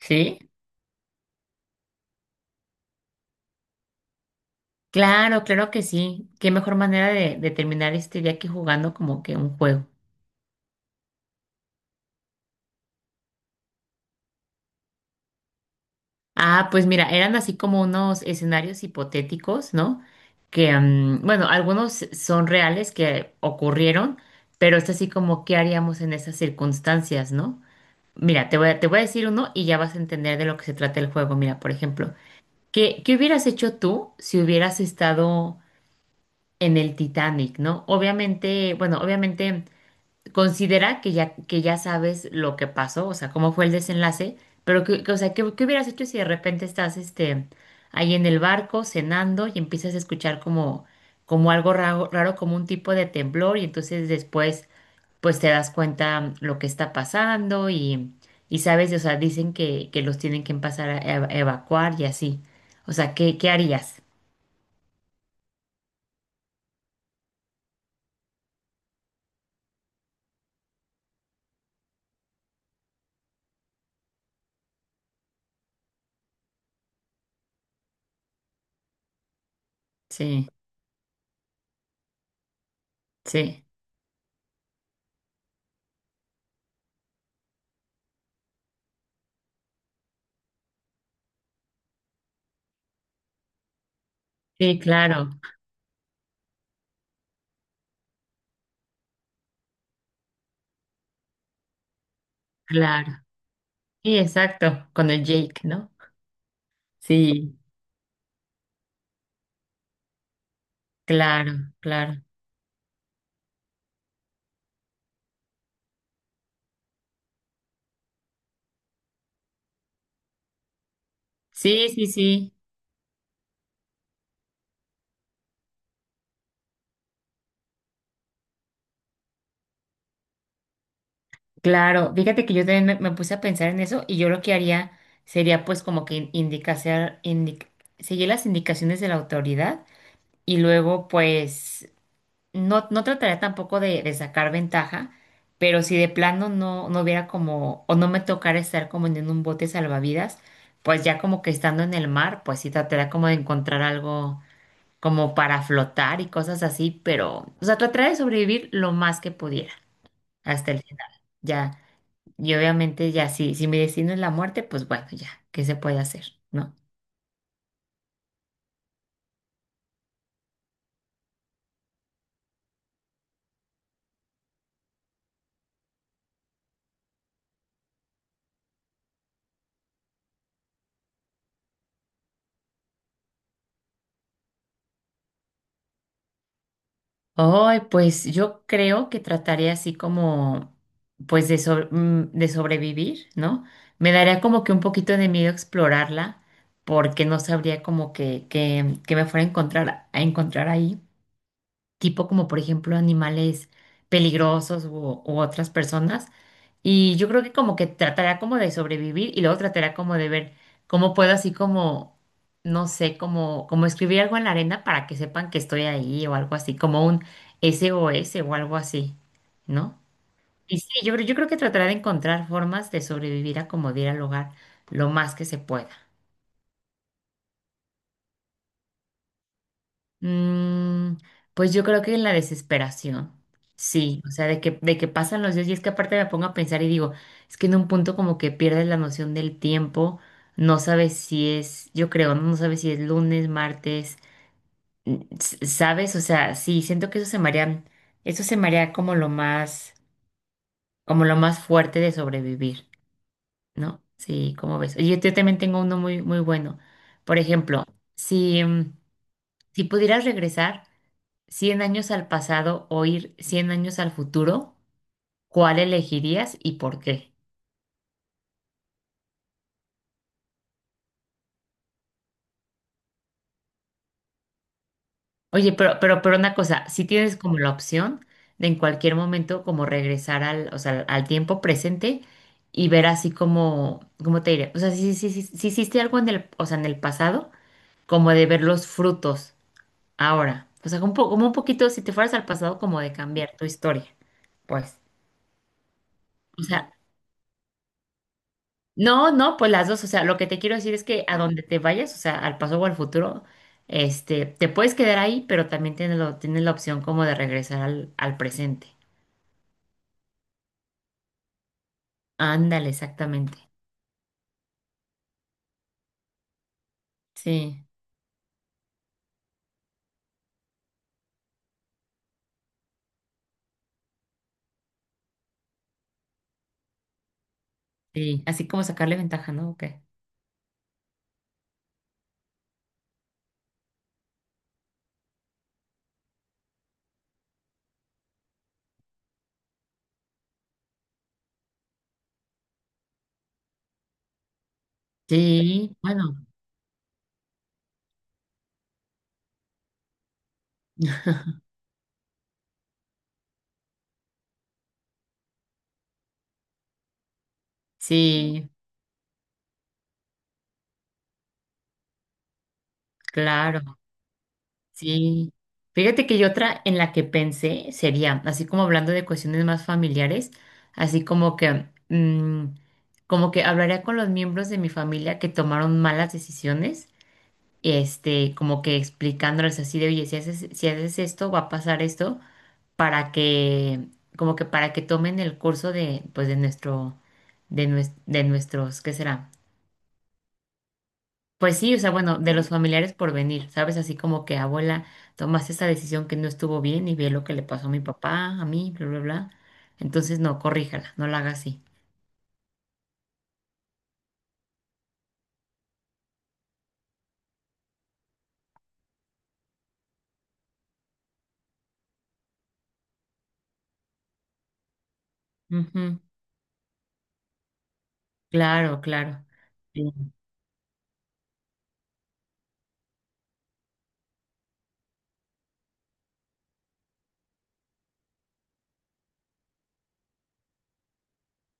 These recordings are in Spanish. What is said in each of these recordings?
Sí, claro, claro que sí. Qué mejor manera de terminar este día que jugando como que un juego. Ah, pues mira, eran así como unos escenarios hipotéticos, ¿no? Que, bueno, algunos son reales que ocurrieron, pero es así como qué haríamos en esas circunstancias, ¿no? Mira, te voy a decir uno y ya vas a entender de lo que se trata el juego. Mira, por ejemplo, ¿qué hubieras hecho tú si hubieras estado en el Titanic, ¿no? Obviamente, bueno, obviamente, considera que ya sabes lo que pasó, o sea, cómo fue el desenlace, pero o sea, ¿qué hubieras hecho si de repente estás ahí en el barco cenando y empiezas a escuchar como, como algo raro, raro, como un tipo de temblor y entonces después pues te das cuenta lo que está pasando y sabes, o sea, dicen que los tienen que pasar a evacuar y así. O sea, ¿qué harías? Sí, sí, sí, claro, claro. Sí, exacto, con el Jake, ¿no? Sí. Claro, claro. Sí, sí, sí, claro. Fíjate que yo también me puse a pensar en eso y yo lo que haría sería pues como que seguir las indicaciones de la autoridad y luego pues no, no trataría tampoco de sacar ventaja, pero si de plano no, no hubiera como o no me tocara estar como en un bote salvavidas, pues ya como que estando en el mar, pues sí trataría como de encontrar algo como para flotar y cosas así, pero o sea, trataría de sobrevivir lo más que pudiera hasta el final. Ya, y obviamente ya, si mi destino es la muerte, pues bueno, ya, ¿qué se puede hacer? ¿No? Ay, pues yo creo que trataré así como, pues de, de sobrevivir, ¿no? Me daría como que un poquito de miedo explorarla, porque no sabría como que me fuera a encontrar ahí, tipo como por ejemplo animales peligrosos u otras personas. Y yo creo que como que tratará como de sobrevivir y luego tratará como de ver cómo puedo así como, no sé, como, como escribir algo en la arena para que sepan que estoy ahí o algo así, como un SOS o S o algo así, ¿no? Y sí, yo creo que tratará de encontrar formas de sobrevivir a como de ir al hogar lo más que se pueda. Mm, pues yo creo que en la desesperación, sí, o sea, de que pasan los días y es que aparte me pongo a pensar y digo, es que en un punto como que pierdes la noción del tiempo, no sabes si es, yo creo, no. No sabes si es lunes, martes, sabes, o sea, sí, siento que eso se me haría, eso se me haría como lo más fuerte de sobrevivir, ¿no? Sí, como ves? Oye, yo también tengo uno muy, muy bueno. Por ejemplo, si, si pudieras regresar cien años al pasado o ir 100 años al futuro, ¿cuál elegirías y por qué? Oye, pero una cosa, si tienes como la opción de en cualquier momento como regresar o sea, al tiempo presente y ver así como, ¿cómo te diré? O sea, si hiciste algo en el, o sea, en el pasado, como de ver los frutos ahora. O sea, como, como un poquito, si te fueras al pasado, como de cambiar tu historia, pues. O sea, no, no, pues las dos, o sea, lo que te quiero decir es que a donde te vayas, o sea, al paso o al futuro, este, te puedes quedar ahí, pero también tienes la opción como de regresar al presente. Ándale, exactamente. Sí, sí, así como sacarle ventaja, ¿no? ¿O qué? Sí, bueno, sí, claro. Sí, fíjate que yo otra en la que pensé sería, así como hablando de cuestiones más familiares, así como que, como que hablaría con los miembros de mi familia que tomaron malas decisiones, este, como que explicándoles así de, oye, si haces esto, va a pasar esto, para que, como que para que tomen el curso de, pues, de nuestro, de nuestros, ¿qué será? Pues sí, o sea, bueno, de los familiares por venir, ¿sabes? Así como que abuela, tomaste esta decisión que no estuvo bien y ve lo que le pasó a mi papá, a mí, bla, bla, bla. Entonces, no, corríjala, no la haga así. Ujú. Claro, claro. Sí.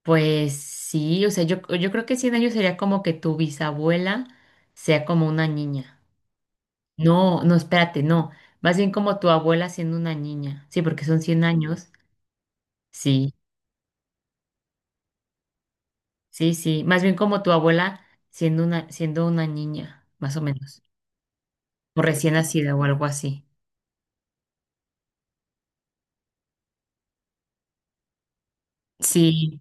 Pues sí, o sea, yo creo que 100 años sería como que tu bisabuela sea como una niña. No, no, espérate, no. Más bien como tu abuela siendo una niña. Sí, porque son 100 años. Sí, sí, sí. Más bien como tu abuela siendo una niña, más o menos. O recién nacida o algo así. Sí,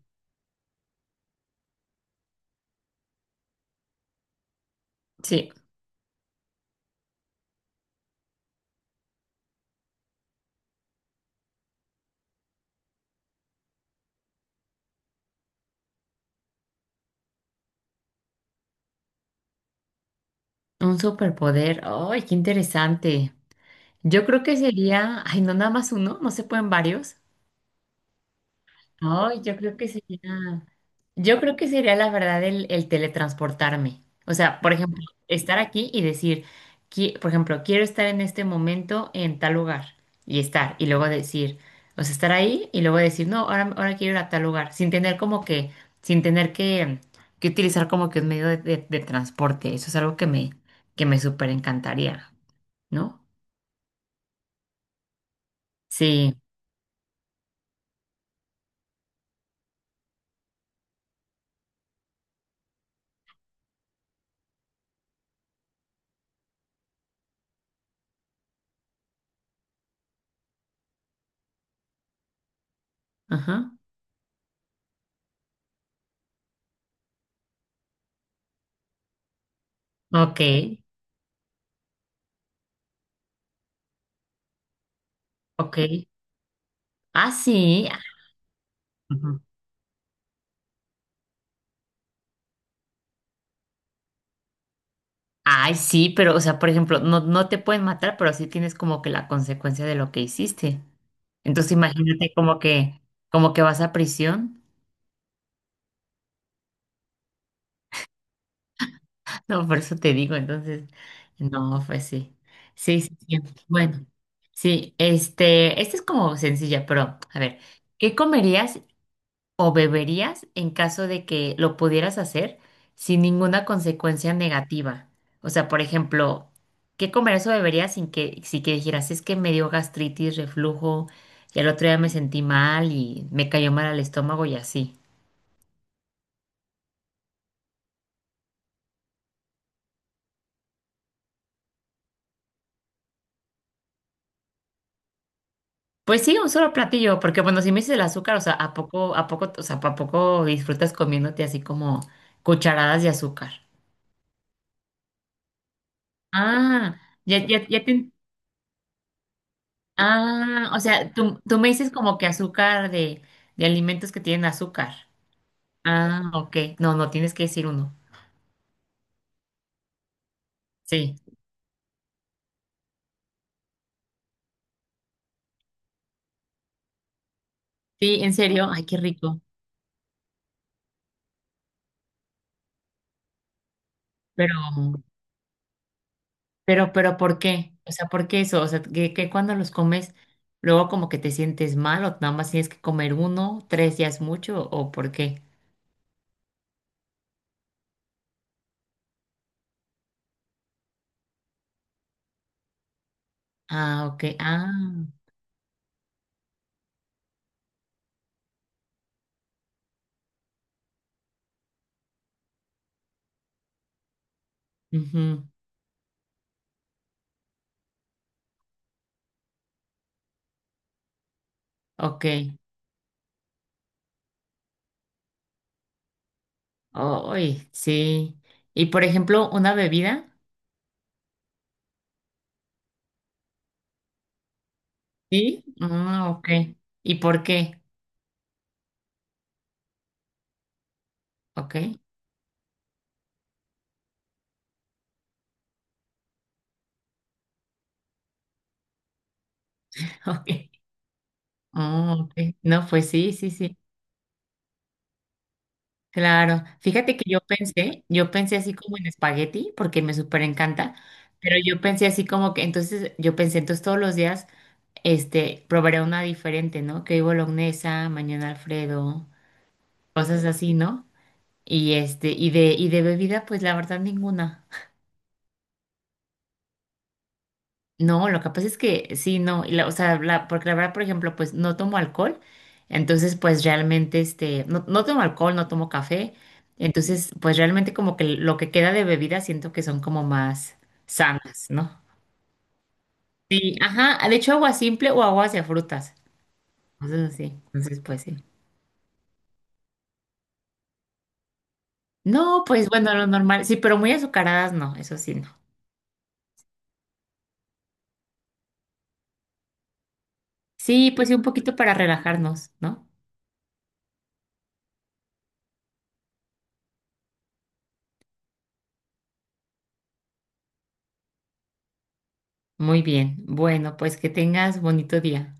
sí. Un superpoder. ¡Ay, qué interesante! Yo creo que sería, ay, no nada más uno, ¿no se pueden varios? Ay, yo creo que sería, yo creo que sería la verdad el teletransportarme. O sea, por ejemplo, estar aquí y decir, por ejemplo, quiero estar en este momento en tal lugar y estar, y luego decir, o sea, estar ahí y luego decir, no, ahora quiero ir a tal lugar, sin tener como que, sin tener que utilizar como que un medio de, de transporte. Eso es algo que me súper encantaría, ¿no? Sí, ajá. Ok, ok. Ah, sí. Ay, sí, pero, o sea, por ejemplo, no, no te pueden matar, pero sí tienes como que la consecuencia de lo que hiciste. Entonces imagínate como que vas a prisión. No, por eso te digo, entonces, no, pues sí. Sí, sí, sí. Bueno, sí, este, esta es como sencilla, pero a ver, ¿qué comerías o beberías en caso de que lo pudieras hacer sin ninguna consecuencia negativa? O sea, por ejemplo, ¿qué comerías o beberías sin si que dijeras, es que me dio gastritis, reflujo, y al otro día me sentí mal y me cayó mal al estómago y así? Pues sí, un solo platillo, porque bueno, si me dices el azúcar, o sea, ¿a poco, o sea, ¿a poco disfrutas comiéndote así como cucharadas de azúcar? Ah, ya te... Ah, o sea, tú me dices como que azúcar de alimentos que tienen azúcar. Ah, ok. No, no, tienes que decir uno. Sí. Sí, ¿en serio? Ay, qué rico. Pero, pero, ¿por qué? O sea, ¿por qué eso? O sea, que cuando los comes, luego como que te sientes mal o nada más tienes que comer uno, ¿tres ya es mucho o por qué? Ah, ok. Ah, ujú. Ok. Ay, sí. Y por ejemplo, una bebida. Sí. Ah, ok. ¿Y por qué? Ok. Ok. Ah, ok. No, pues sí, sí, sí. Claro. Fíjate que yo pensé así como en espagueti, porque me súper encanta, pero yo pensé así como que, entonces, yo pensé, entonces todos los días, este, probaré una diferente, ¿no? Que hoy bolognesa, mañana Alfredo, cosas así, ¿no? Y este, y de bebida, pues la verdad ninguna. No, lo que pasa es que sí, no, o sea, porque la verdad, por ejemplo, pues no tomo alcohol, entonces pues realmente, este, no, no tomo alcohol, no tomo café, entonces pues realmente como que lo que queda de bebida siento que son como más sanas, ¿no? Sí, ajá, de hecho agua simple o agua hacia frutas, entonces sí, entonces pues sí. No, pues bueno, lo normal, sí, pero muy azucaradas no, eso sí no. Sí, pues sí, un poquito para relajarnos, ¿no? Muy bien, bueno, pues que tengas bonito día.